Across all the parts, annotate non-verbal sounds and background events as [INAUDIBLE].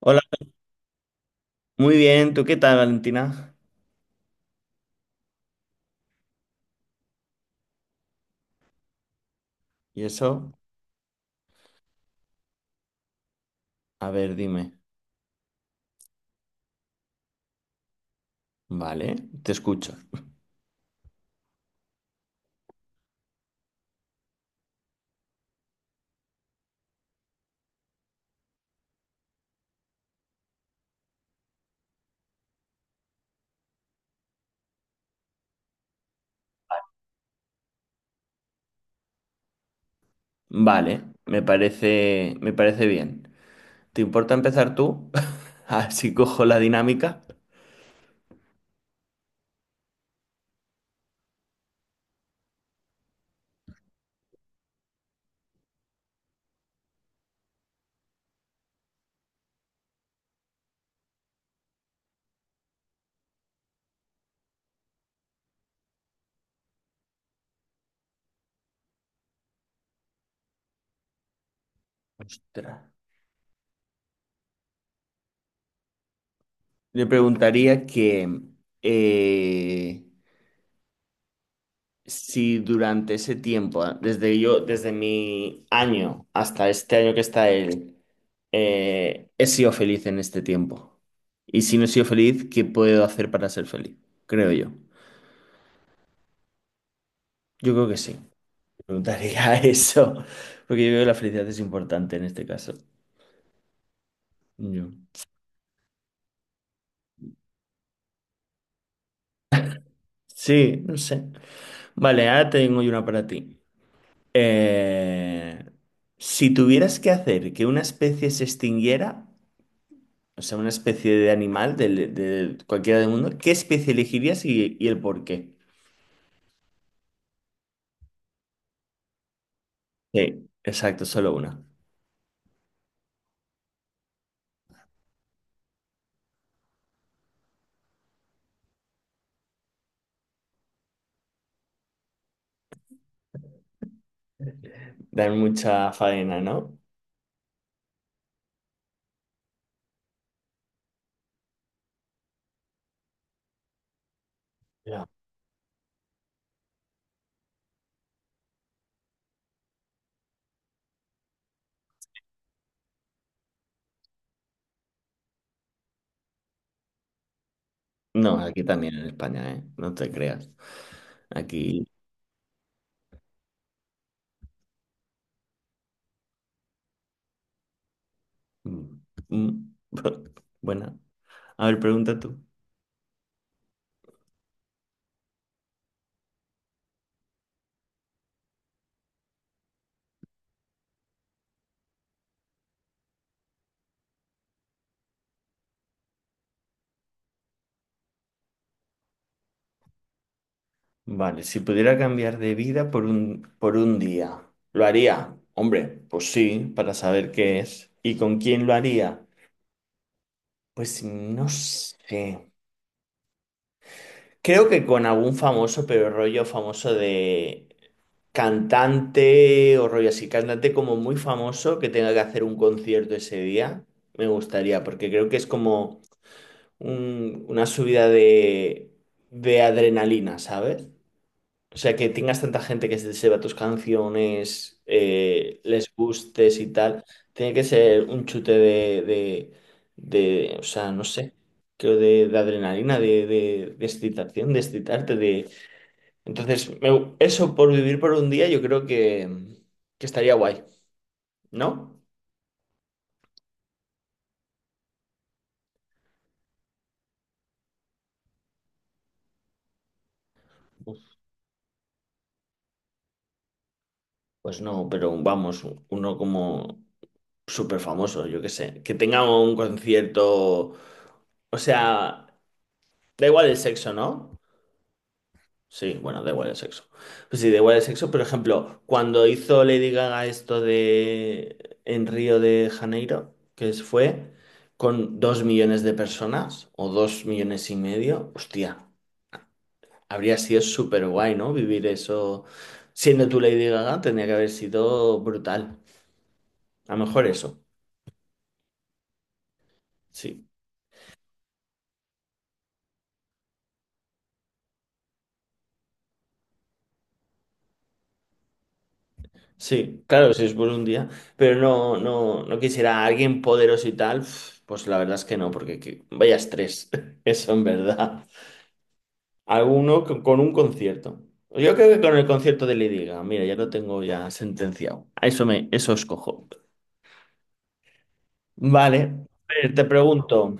Hola, muy bien. ¿Tú qué tal, Valentina? ¿Y eso? A ver, dime. Vale, te escucho. Vale, me parece bien. ¿Te importa empezar tú? [LAUGHS] Así cojo la dinámica. Ostras. Le preguntaría que eh, si durante ese tiempo, desde mi año hasta este año que está él, he sido feliz en este tiempo. Y si no he sido feliz, ¿qué puedo hacer para ser feliz? Creo yo. Yo creo que sí. Preguntaría [LAUGHS] eso, porque yo creo que la felicidad es importante en este caso. Yo. Sí, no sé. Vale, ahora tengo yo una para ti. Eh, si tuvieras que hacer que una especie se extinguiera, o sea, una especie de animal cualquiera del mundo, ¿qué especie elegirías y el por qué? Sí, exacto, solo una. Dan mucha faena, ¿no? Ya. No, aquí también en España, ¿eh? No te creas. Aquí. Mm, mm, [LAUGHS] Buena. A ver, pregunta tú. Vale, si pudiera cambiar de vida por un día, ¿lo haría? Hombre, pues sí, para saber qué es. ¿Y con quién lo haría? Pues no sé. Creo que con algún famoso, pero rollo famoso de cantante o rollo así, cantante como muy famoso que tenga que hacer un concierto ese día, me gustaría, porque creo que es como una subida de adrenalina, ¿sabes? O sea, que tengas tanta gente que se sepa tus canciones, les gustes y tal, tiene que ser un chute o sea, no sé, creo de adrenalina, de excitación, de excitarte, Entonces, eso por vivir por un día yo creo que estaría guay, ¿no? Pues no, pero vamos, uno como súper famoso, yo qué sé. Que tenga un concierto. O sea, da igual el sexo, ¿no? Sí, bueno, da igual el sexo. Pues sí, da igual el sexo. Por ejemplo, cuando hizo Lady Gaga esto de en Río de Janeiro, fue con 2 millones de personas o 2 millones y medio, hostia, habría sido súper guay, ¿no? Vivir eso. Siendo tú Lady Gaga, tendría que haber sido brutal. A lo mejor eso. Sí. Sí, claro, si es por un día, pero no, no, no quisiera a alguien poderoso y tal, pf, pues la verdad es que no, vaya estrés, [LAUGHS] eso en verdad. Alguno con un concierto. Yo creo que con el concierto de Lady Gaga, mira, ya lo tengo ya sentenciado. A eso eso escojo. Vale, a ver, te pregunto,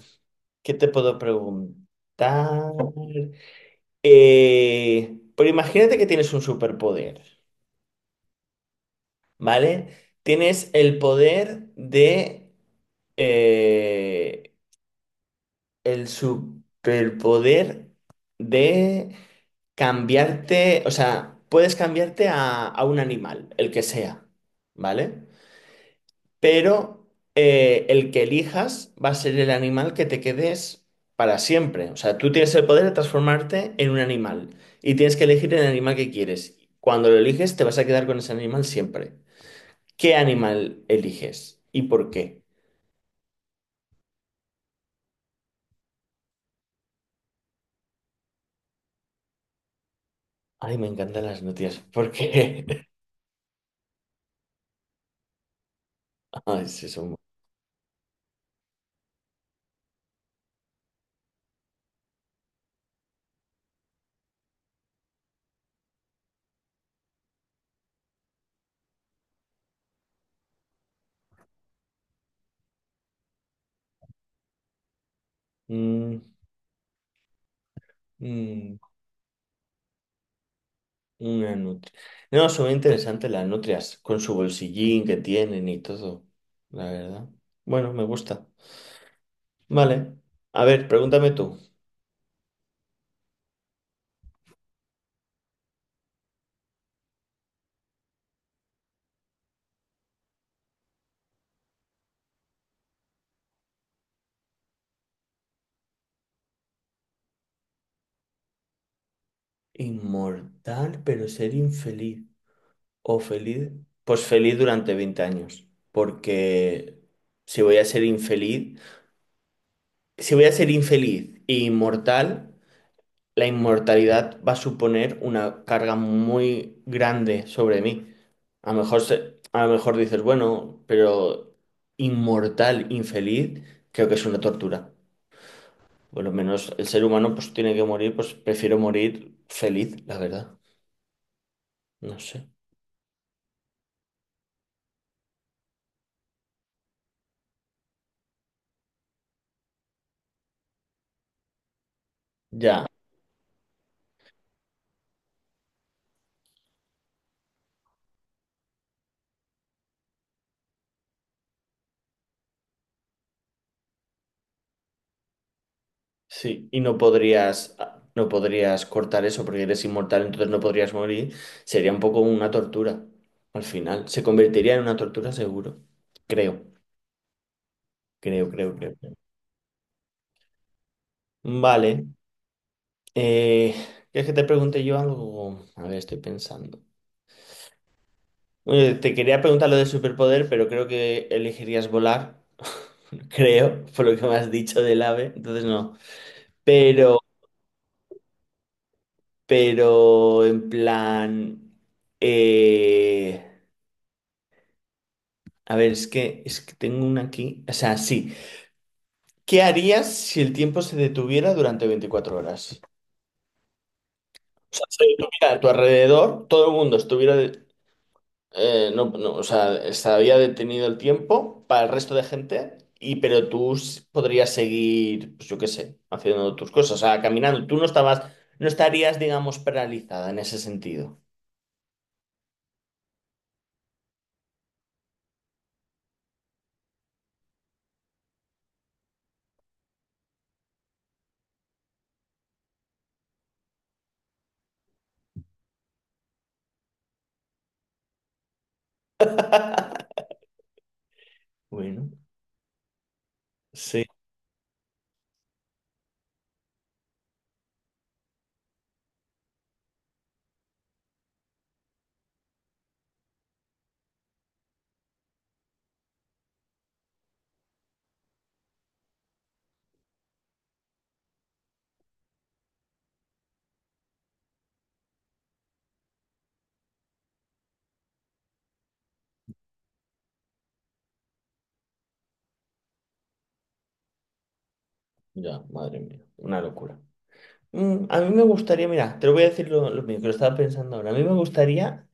¿qué te puedo preguntar? Pero imagínate que tienes un superpoder, ¿vale? Tienes el poder de eh, el superpoder de cambiarte, o sea, puedes cambiarte a un animal, el que sea, ¿vale? Pero el que elijas va a ser el animal que te quedes para siempre. O sea, tú tienes el poder de transformarte en un animal y tienes que elegir el animal que quieres. Cuando lo eliges, te vas a quedar con ese animal siempre. ¿Qué animal eliges y por qué? Ay, me encantan las noticias. ¿Por qué? [LAUGHS] Ah, sí, son Mm, mm, una nutria. No, son interesantes las nutrias, con su bolsillín que tienen y todo, la verdad. Bueno, me gusta. Vale. A ver, pregúntame tú. Inmortal, pero ser infeliz. ¿O feliz? Pues feliz durante 20 años. Porque si voy a ser infeliz, si voy a ser infeliz e inmortal, la inmortalidad va a suponer una carga muy grande sobre mí. A lo mejor a lo mejor dices, bueno, pero inmortal, infeliz, creo que es una tortura. Por lo menos el ser humano pues tiene que morir, pues prefiero morir feliz, la verdad. No sé. Ya, sí. Y no podrías cortar eso porque eres inmortal, entonces no podrías morir. Sería un poco una tortura. Al final, se convertiría en una tortura seguro. Creo, creo, creo, creo. Vale. Eh, ¿Quieres que te pregunte yo algo? A ver, estoy pensando. Te quería preguntar lo de superpoder, pero creo que elegirías volar. [LAUGHS] Creo, por lo que me has dicho del ave. Entonces no. Pero, pero en plan. Eh, a ver, es que tengo una aquí. O sea, sí. ¿Qué harías si el tiempo se detuviera durante 24 horas? O sea, se detuviera a tu alrededor, todo el mundo estuviera. No, no, o sea, estaría detenido el tiempo para el resto de gente, y pero tú podrías seguir, pues yo qué sé, haciendo tus cosas, o sea, caminando. Tú no estabas, no estarías, digamos, paralizada en ese sentido. Bueno, sí, ya, madre mía, una locura. Mm, a mí me gustaría, mira, te lo voy a decir lo mío, que lo estaba pensando ahora. A mí me gustaría,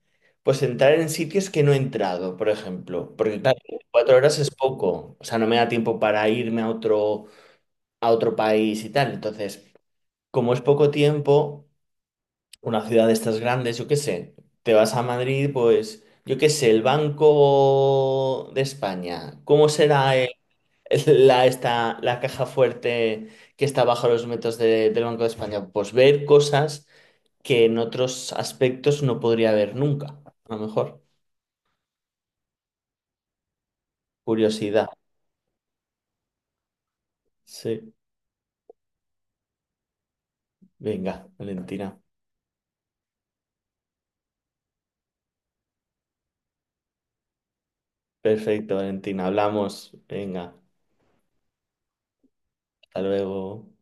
pues, entrar en sitios que no he entrado, por ejemplo, porque claro, 4 horas es poco, o sea, no me da tiempo para irme a otro país y tal, entonces. Como es poco tiempo, una ciudad de estas grandes, yo qué sé, te vas a Madrid, pues, yo qué sé, el Banco de España, ¿cómo será la caja fuerte que está bajo los metros del Banco de España? Pues ver cosas que en otros aspectos no podría ver nunca, a lo mejor. Curiosidad. Sí, venga, Valentina. Perfecto, Valentina, hablamos. Venga, hasta luego.